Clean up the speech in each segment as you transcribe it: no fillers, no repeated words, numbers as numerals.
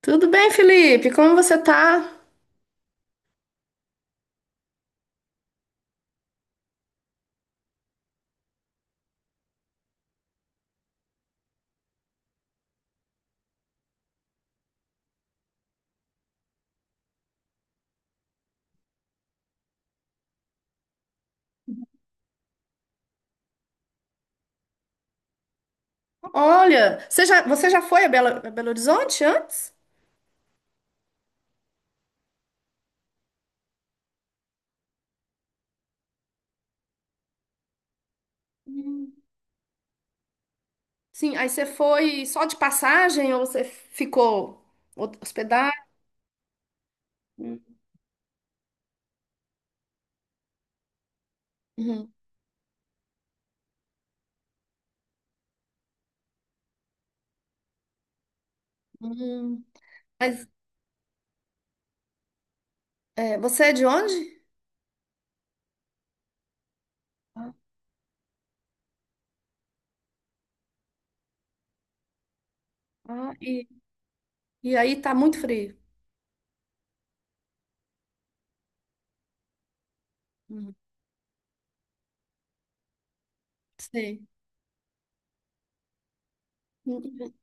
Tudo bem, Felipe? Como você tá? Olha, você já foi a Belo Horizonte antes? Sim, aí você foi só de passagem ou você ficou hospedado? Uhum. Hum. Mas é, você é de onde? Ah, ah, e aí tá muito frio. Uhum. Sei. Uhum.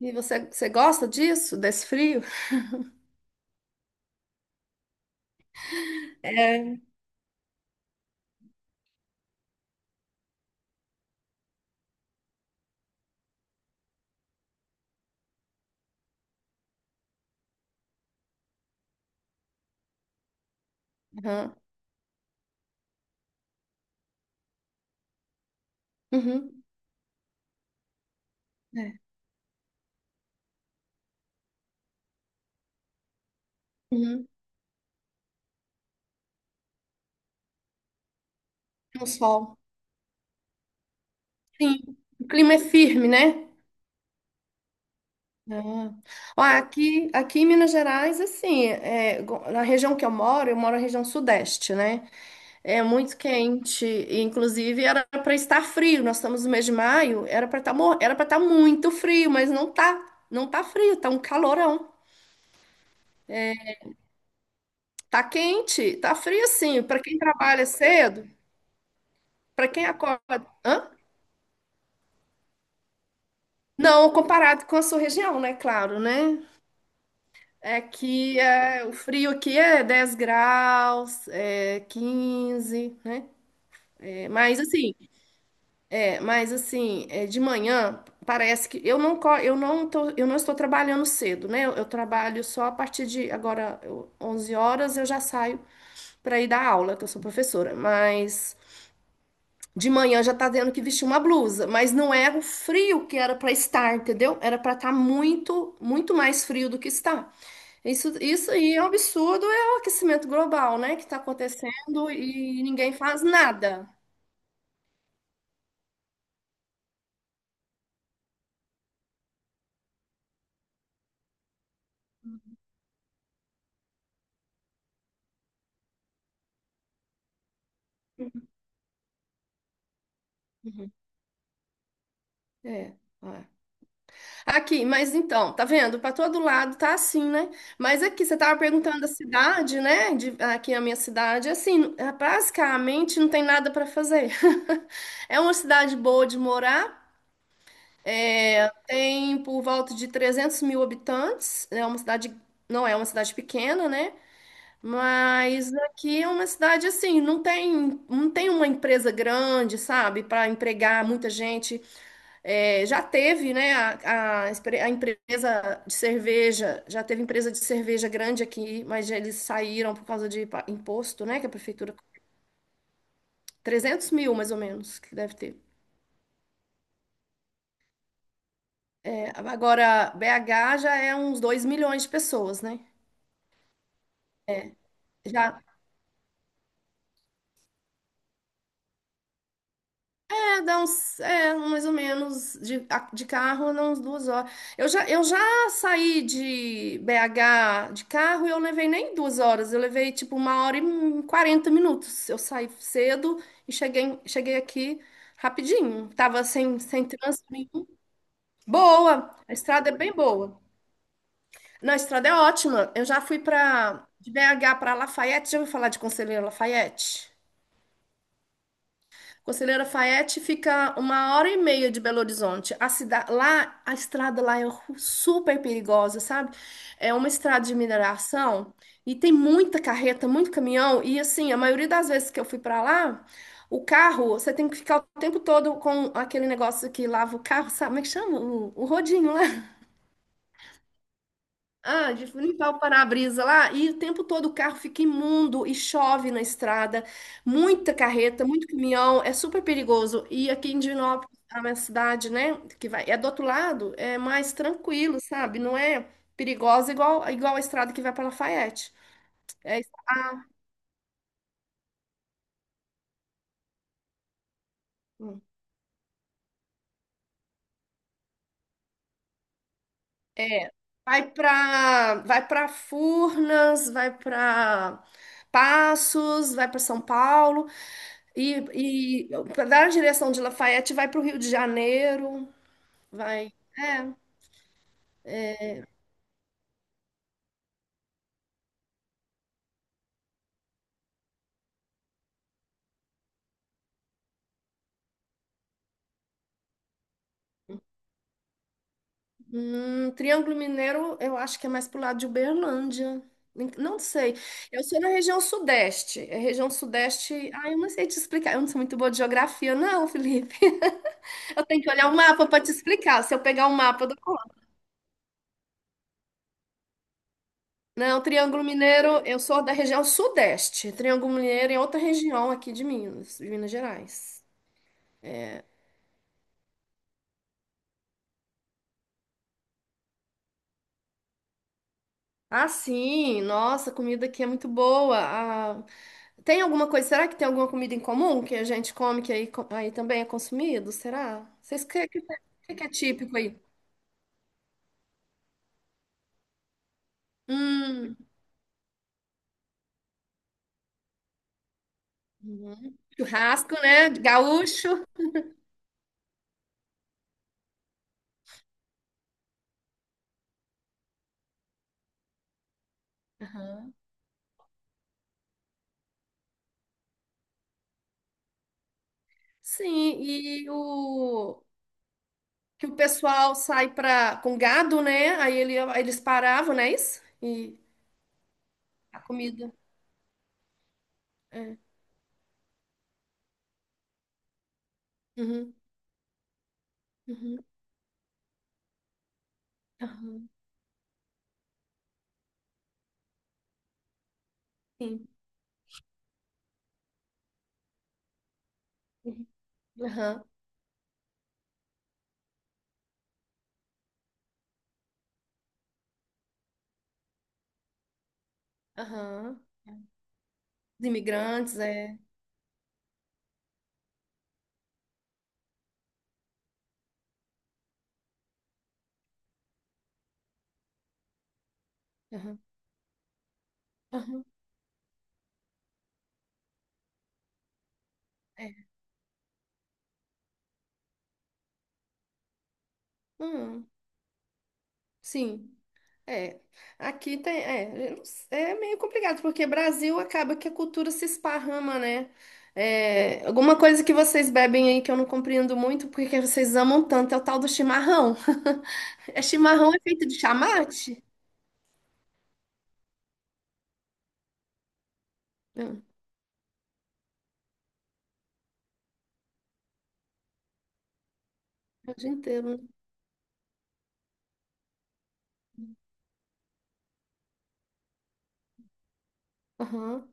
E você gosta disso, desse frio? Uhum. Uhum. É. Uhum. Um sol. Sim. O clima é firme, né? É. Ó, aqui em Minas Gerais, assim, é, na região que eu moro na região sudeste, né? É muito quente, e, inclusive era para estar frio. Nós estamos no mês de maio, era para estar muito frio, mas não tá, não tá frio, tá um calorão. Tá quente, tá frio sim, para quem trabalha cedo, para quem acorda, hã? Não, comparado com a sua região, né? Claro, né? É que é, o frio aqui é 10 graus, é 15 né? É, mas assim, é, mas assim, é, de manhã parece que eu não tô, eu não estou trabalhando cedo, né? Eu trabalho só a partir de agora eu, 11 horas eu já saio para ir dar aula, que eu sou professora, mas de manhã já tá tendo que vestir uma blusa, mas não é o frio que era para estar, entendeu? Era para estar muito, muito mais frio do que está. Isso aí é um absurdo, é o aquecimento global, né, que está acontecendo e ninguém faz nada. Uhum. É. É. Aqui, mas então, tá vendo? Pra todo lado tá assim, né? Mas aqui, você tava perguntando da cidade, né? Aqui a minha cidade, assim, é, basicamente não tem nada pra fazer. É uma cidade boa de morar, é, tem por volta de 300 mil habitantes, é uma cidade, não é uma cidade pequena, né? Mas aqui é uma cidade assim, não tem uma empresa grande, sabe, para empregar muita gente. É, já teve, né, a a empresa de cerveja, já teve empresa de cerveja grande aqui, mas eles saíram por causa de imposto, né, que a prefeitura, 300 mil mais ou menos, que deve ter. É, agora, BH já é uns 2 milhões de pessoas, né? Já, é, dá uns, é, mais ou menos, de, de carro, dá uns 2 horas. Eu já saí de BH de carro e eu levei nem 2 horas, eu levei tipo 1 hora e 40 minutos. Eu saí cedo e cheguei aqui rapidinho. Tava sem, sem trânsito nenhum. Boa, a estrada é bem boa. Não, a estrada é ótima. Eu já fui pra, de BH para Lafayette, já ouviu falar de Conselheiro Lafayette? Conselheiro Lafayette fica 1 hora e meia de Belo Horizonte. A cidade lá, a estrada lá é super perigosa, sabe? É uma estrada de mineração e tem muita carreta, muito caminhão e assim, a maioria das vezes que eu fui pra lá, o carro, você tem que ficar o tempo todo com aquele negócio que lava o carro, sabe? Como é que chama? O rodinho, lá. Ah, de limpar o para-brisa lá, e o tempo todo o carro fica imundo e chove na estrada, muita carreta, muito caminhão, é super perigoso. E aqui em Divinópolis, a minha cidade, né, que vai, é do outro lado, é mais tranquilo, sabe? Não é perigosa igual, igual a estrada que vai para Lafayette. É, isso. É, vai para Furnas, vai para Passos, vai para São Paulo, e da direção de Lafayette vai para o Rio de Janeiro. Vai. É. Triângulo Mineiro, eu acho que é mais pro lado de Uberlândia. Não sei. Eu sou na região sudeste. É região sudeste. Ah, eu não sei te explicar. Eu não sou muito boa de geografia, não, Felipe. Eu tenho que olhar o mapa para te explicar. Se eu pegar o mapa do. Não, Triângulo Mineiro, eu sou da região sudeste. Triângulo Mineiro é outra região aqui de Minas Gerais. Ah, sim, nossa, a comida aqui é muito boa. Ah, tem alguma coisa, será que tem alguma comida em comum que a gente come que aí, aí também é consumido? Será? Vocês que, que que é típico aí? Hum, uhum. Churrasco, né? Gaúcho. Aham. Sim, e o que o pessoal sai pra, com gado, né? Aí ele, eles paravam, não é isso? E a comida. É. Uhum, uhum, aham, sim. Uhum, aham, aham. Os imigrantes, é. Aham, aham, é. Hum, sim, é. Aqui tem, é, eu não s- é meio complicado, porque Brasil acaba que a cultura se esparrama, né? É, alguma coisa que vocês bebem aí que eu não compreendo muito, porque que vocês amam tanto, é o tal do chimarrão. É chimarrão é feito de chamate? Hum, é o dia inteiro, né? Aham.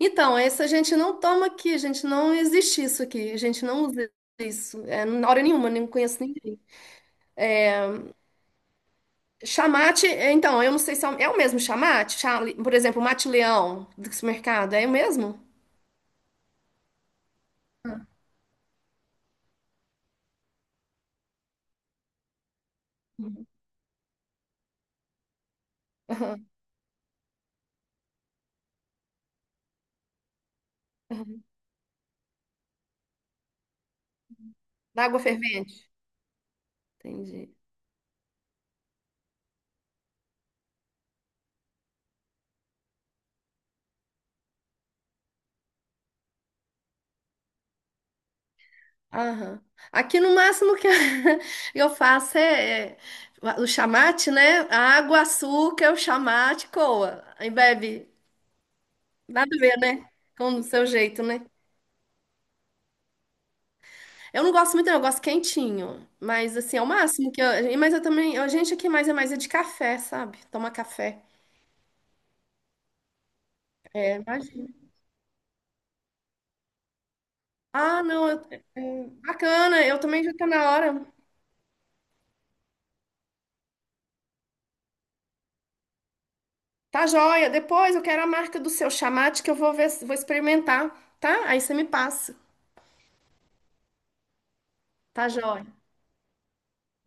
Então, esse a gente não toma aqui, a gente não existe isso aqui, a gente não usa isso, é, na hora nenhuma, nem conheço ninguém. Chamate, é, então, eu não sei se é o, é o mesmo chamate, por exemplo, mate-leão do supermercado, é o mesmo? Aham. Aham. Da Água fervente. Entendi. Aham. Aqui no máximo que eu faço é, é o chamate, né? Água, açúcar, o chamate, coa. Aí bebe. Nada a ver, né? Com o seu jeito, né? Eu não gosto muito, não, eu gosto quentinho. Mas assim, é o máximo que eu. Mas eu também. A gente aqui mais é de café, sabe? Toma café. É, imagina. Ah, não, é, bacana, eu também já tá na hora. Tá joia. Depois eu quero a marca do seu chamate que eu vou ver, vou experimentar, tá? Aí você me passa. Tá joia.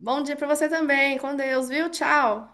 Bom dia pra você também. Com Deus, viu? Tchau.